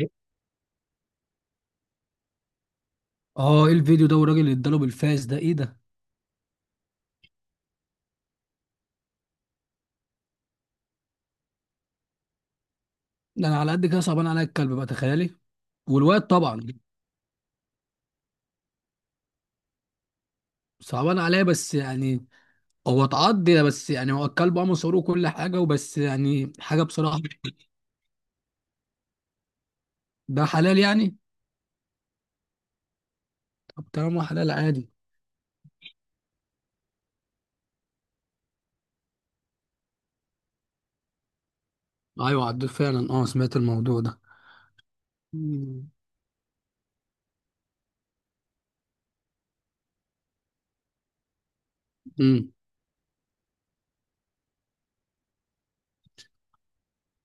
إيه؟ اه ايه الفيديو ده والراجل اللي اداله بالفاس ده ايه ده. ده انا على قد كده صعبان عليا الكلب بقى، تخيلي. والواد طبعا. صعبان عليا بس يعني هو اتعض، بس يعني هو الكلب مصروه كل حاجه، وبس يعني حاجه بصراحه. ده حلال يعني. طب طالما حلال عادي. ايوه عديت فعلا، اه سمعت الموضوع ده. مم. امم.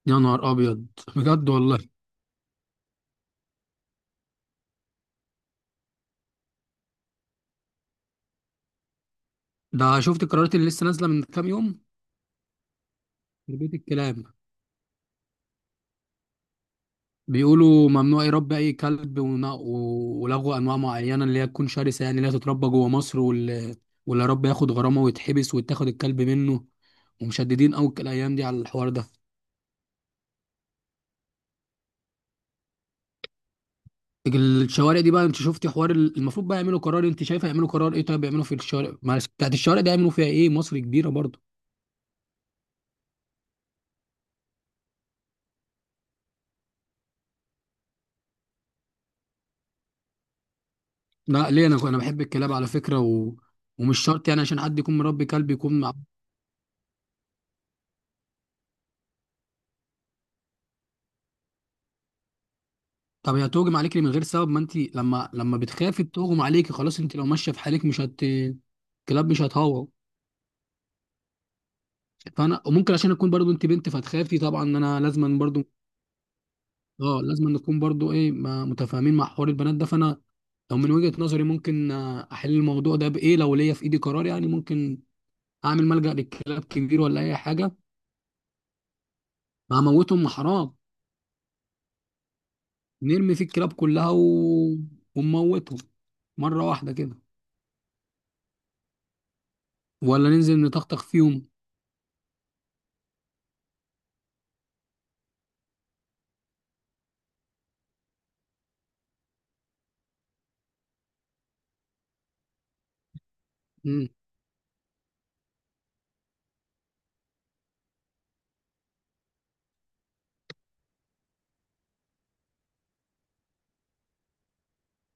يا نهار ابيض. بجد والله. ده شفت قرارات اللي لسه نازله من كام يوم. تربيه الكلاب بيقولوا ممنوع يربي اي كلب ولغوا انواع معينه اللي هي تكون شرسه، يعني اللي هي تتربى جوه مصر، واللي رب ياخد غرامه ويتحبس ويتاخد الكلب منه، ومشددين قوي الايام دي على الحوار ده. الشوارع دي بقى، انت شفتي حوار المفروض بقى يعملوا قرار، انت شايفه يعملوا قرار ايه؟ طيب يعملوا في الشوارع، معلش بتاعت الشوارع ده يعملوا فيها ايه؟ مصر كبيره برضه. لا ليه، انا بحب الكلاب على فكره، ومش شرط يعني عشان حد يكون مربي كلب يكون. طب هي تهجم عليكي من غير سبب؟ ما انت لما بتخافي تهجم عليكي، خلاص. انت لو ماشيه في حالك مش هت، كلاب مش هتهوى. فانا وممكن عشان اكون برضو انت بنت فتخافي طبعا، ان انا لازما برضو، اه لازما نكون برضو ايه متفاهمين مع حوار البنات ده. فانا لو من وجهة نظري ممكن، احل الموضوع ده بايه؟ لو ليا في ايدي قرار يعني، ممكن اعمل ملجأ للكلاب كبير ولا اي حاجه. ما هموتهم، ما حرام. نرمي فيه الكلاب كلها ونموتهم مره واحده كده. ولا ننزل نطخطخ فيهم.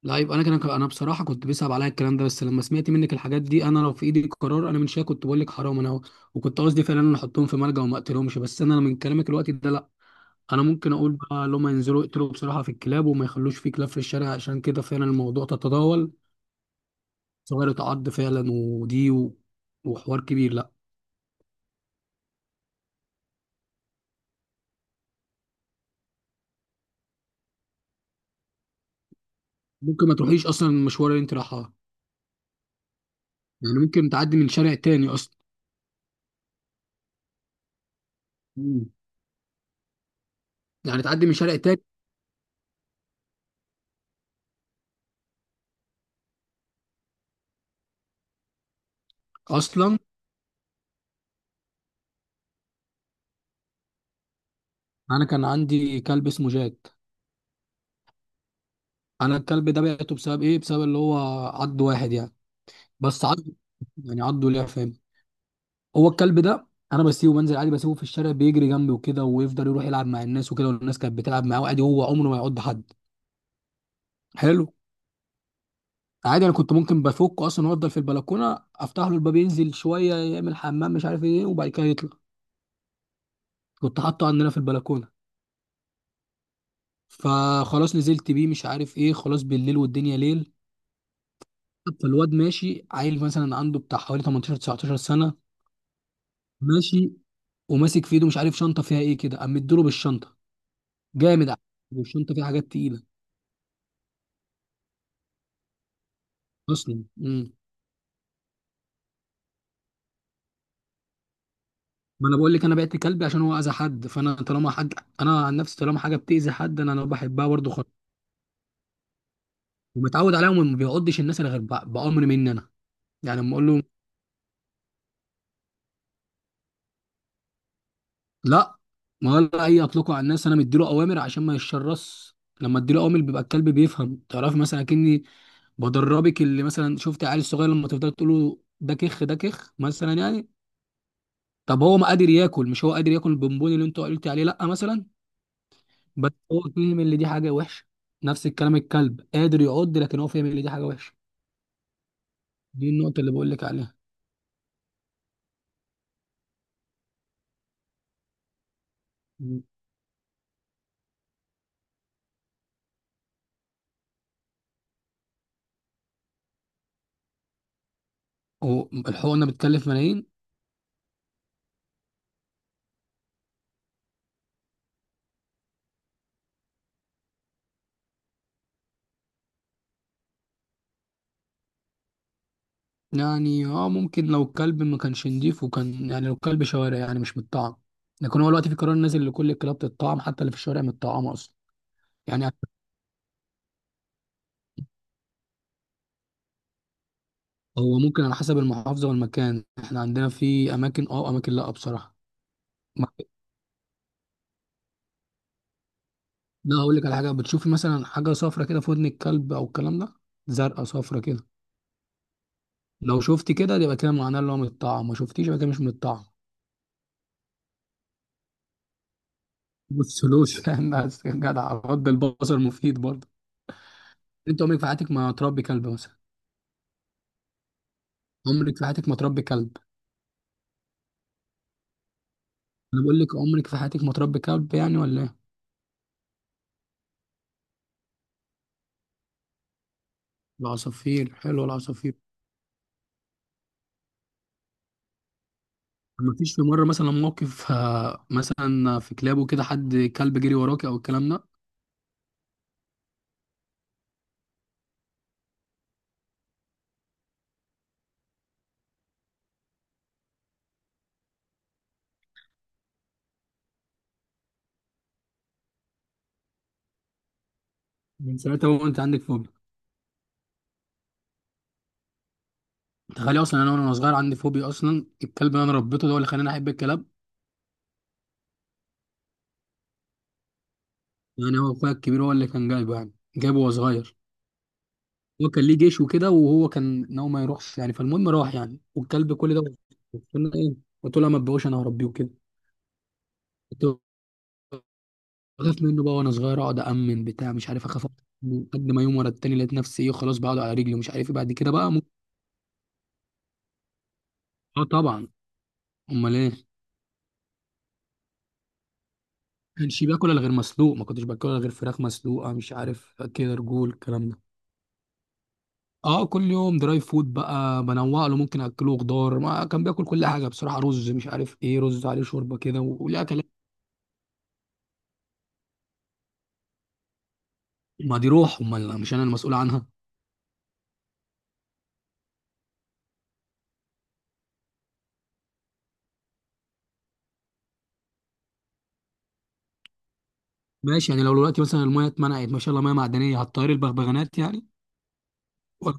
لا، يبقى انا كان انا بصراحه كنت بيصعب عليا الكلام ده، بس لما سمعت منك الحاجات دي، انا لو في ايدي قرار انا من شويه كنت بقول لك حرام، انا وكنت قصدي فعلا ان احطهم في ملجأ وما اقتلهمش، بس انا من كلامك الوقت ده لا. انا ممكن اقول بقى لما ينزلوا يقتلوا بصراحه في الكلاب وما يخلوش في كلاب في الشارع، عشان كده فعلا الموضوع تتداول. صغير تعض فعلا، ودي وحوار كبير، لا. ممكن ما تروحيش اصلا المشوار اللي انت رايحاه. يعني ممكن تعدي من شارع تاني اصلا. مم. يعني تعدي من شارع تاني. اصلا انا كان عندي كلب اسمه جاك. انا الكلب ده بعته بسبب ايه؟ بسبب اللي هو عض واحد يعني. بس عض. يعني عضه ليه، فاهم؟ هو الكلب ده انا بسيبه بنزل عادي، بسيبه في الشارع بيجري جنبي وكده، ويفضل يروح يلعب مع الناس وكده، والناس كانت بتلعب معاه عادي، هو عمره ما يعض حد. حلو. عادي، انا كنت ممكن بفكه اصلا وافضل في البلكونه، افتح له الباب ينزل شويه يعمل حمام مش عارف ايه، وبعد كده يطلع. كنت حاطه عندنا في البلكونه. فخلاص نزلت بيه مش عارف ايه، خلاص بالليل والدنيا ليل. فالواد ماشي عيل مثلا عنده بتاع حوالي 18 19 سنه، ماشي وماسك في ايده مش عارف شنطه فيها ايه كده، قام مديله بالشنطه جامد على فكرة، والشنطه فيها حاجات تقيله. اصلا، امم. ما انا بقول لك انا بعت كلبي عشان هو اذى حد، فانا طالما حد، انا عن نفسي طالما حاجه بتاذي حد انا بحبها برضه خالص. ومتعود عليها، وما بيعضش الناس الا غير بامر مني انا. يعني لما اقول له لا، ما ولا اي اطلقه على الناس، انا مديله اوامر عشان ما يتشرس. لما اديله اوامر بيبقى الكلب بيفهم، تعرف؟ مثلا اكني بدربك، اللي مثلا شفت عيال الصغير لما تفضل تقول له ده كخ ده كخ مثلا يعني. طب هو ما قادر ياكل؟ مش هو قادر ياكل البونبون اللي انت قلت عليه؟ لا مثلا. بس هو فهم ان دي حاجه وحشه. نفس الكلام، الكلب قادر يعض، لكن هو فاهم ان دي حاجه وحشه. دي النقطه اللي بقول لك عليها. مم. هو الحقنه بتكلف ملايين؟ يعني ممكن لو الكلب ما كانش نضيف، وكان يعني لو الكلب شوارع يعني مش متطعم. لكن هو دلوقتي في قرار نازل لكل الكلاب تتطعم، حتى اللي في الشوارع متطعمه اصلا. يعني هو ممكن على حسب المحافظه والمكان، احنا عندنا في اماكن، لا بصراحه. لا هقول لك على حاجه، بتشوفي مثلا حاجه صفرة كده في ودن الكلب او الكلام ده، زرقاء صفرة كده. لو شفت كده يبقى كده معناه اللي هو من الطعام، ما شفتيش يبقى كده مش من الطعام. بصلوش، فاهم؟ بس يا جدع رد البصر مفيد برضه. انت عمرك في حياتك ما تربي كلب مثلا؟ عمرك في حياتك ما تربي كلب؟ انا بقول لك عمرك في حياتك ما تربي كلب يعني، ولا ايه؟ العصافير، حلو العصافير. ما فيش في مره مثلا موقف، مثلا في كلابه كده حد كلب جري وراك او الكلام ده؟ من ساعتها وانت عندك فوبيا. تخيل اصلا انا وانا صغير عندي فوبيا اصلا، الكلب اللي انا ربيته ده هو اللي خلاني احب الكلاب. يعني هو اخويا الكبير هو اللي كان جايبه، يعني جايبه وهو صغير. هو كان ليه جيش وكده، وهو كان ان هو ما يروحش يعني، فالمهم راح يعني، والكلب كل ده. قلت له ايه؟ قلت له لا ما تبقوش، انا هربيه وكده. كنت بخاف منه بقى وانا صغير، اقعد امن بتاع مش عارف اخاف. من قد ما يوم ورا التاني لقيت نفسي ايه، خلاص بقعد على رجلي ومش عارف ايه، بعد كده بقى ممكن. اه طبعا. امال ايه؟ ما كانش باكل الا غير مسلوق، ما كنتش باكل الا غير فراخ مسلوقه، مش عارف كده رجول الكلام ده. اه كل يوم دراي فود بقى بنوع له، ممكن اكله خضار، ما كان بياكل كل حاجه بصراحه، رز مش عارف ايه، رز عليه شوربه كده وليه اكلات. ما دي روح، امال مش انا المسؤول عنها. ماشي، يعني لو دلوقتي مثلا الميه اتمنعت ما شاء الله، ميه معدنيه هتطير البغبغانات يعني، و-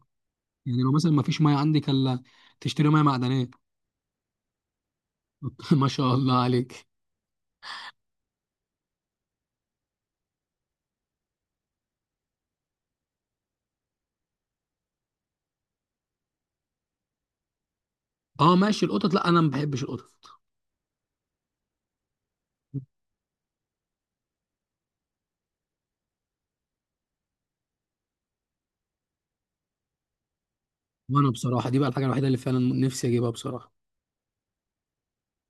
يعني لو مثلا ما فيش ميه عندك الا تشتري ميه معدنيه. ما شاء الله عليك. اه ماشي، القطط لا انا ما بحبش القطط. وانا بصراحه دي بقى الحاجه الوحيده اللي فعلا نفسي اجيبها بصراحه.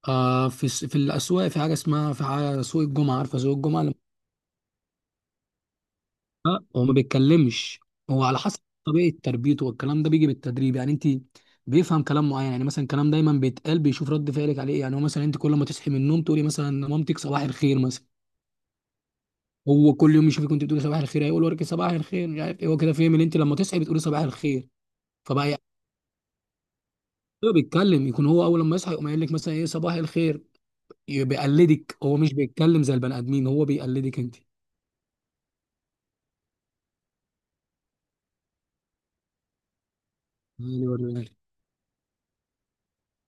آه في في الاسواق، في حاجه اسمها، في حاجه سوق الجمعه، عارفه سوق الجمعه؟ هو ما بيتكلمش. هو على حسب طبيعة تربيته، والكلام ده بيجي بالتدريب يعني، انت بيفهم كلام معين، يعني مثلا كلام دايما بيتقال بيشوف رد فعلك عليه إيه. يعني هو مثلا انت كل ما تصحي من النوم تقولي مثلا مامتك صباح الخير مثلا. هو كل يوم يشوفك كنت بتقولي صباح الخير، هيقول وراك صباح الخير مش عارف ايه، هو كده فاهم ان انت لما تصحي بتقولي صباح الخير. فبقى يعني هو بيتكلم، يكون هو اول لما يصحى يقوم قايل لك مثلا ايه صباح الخير، بيقلدك، هو مش بيتكلم زي البني ادمين، هو بيقلدك انت.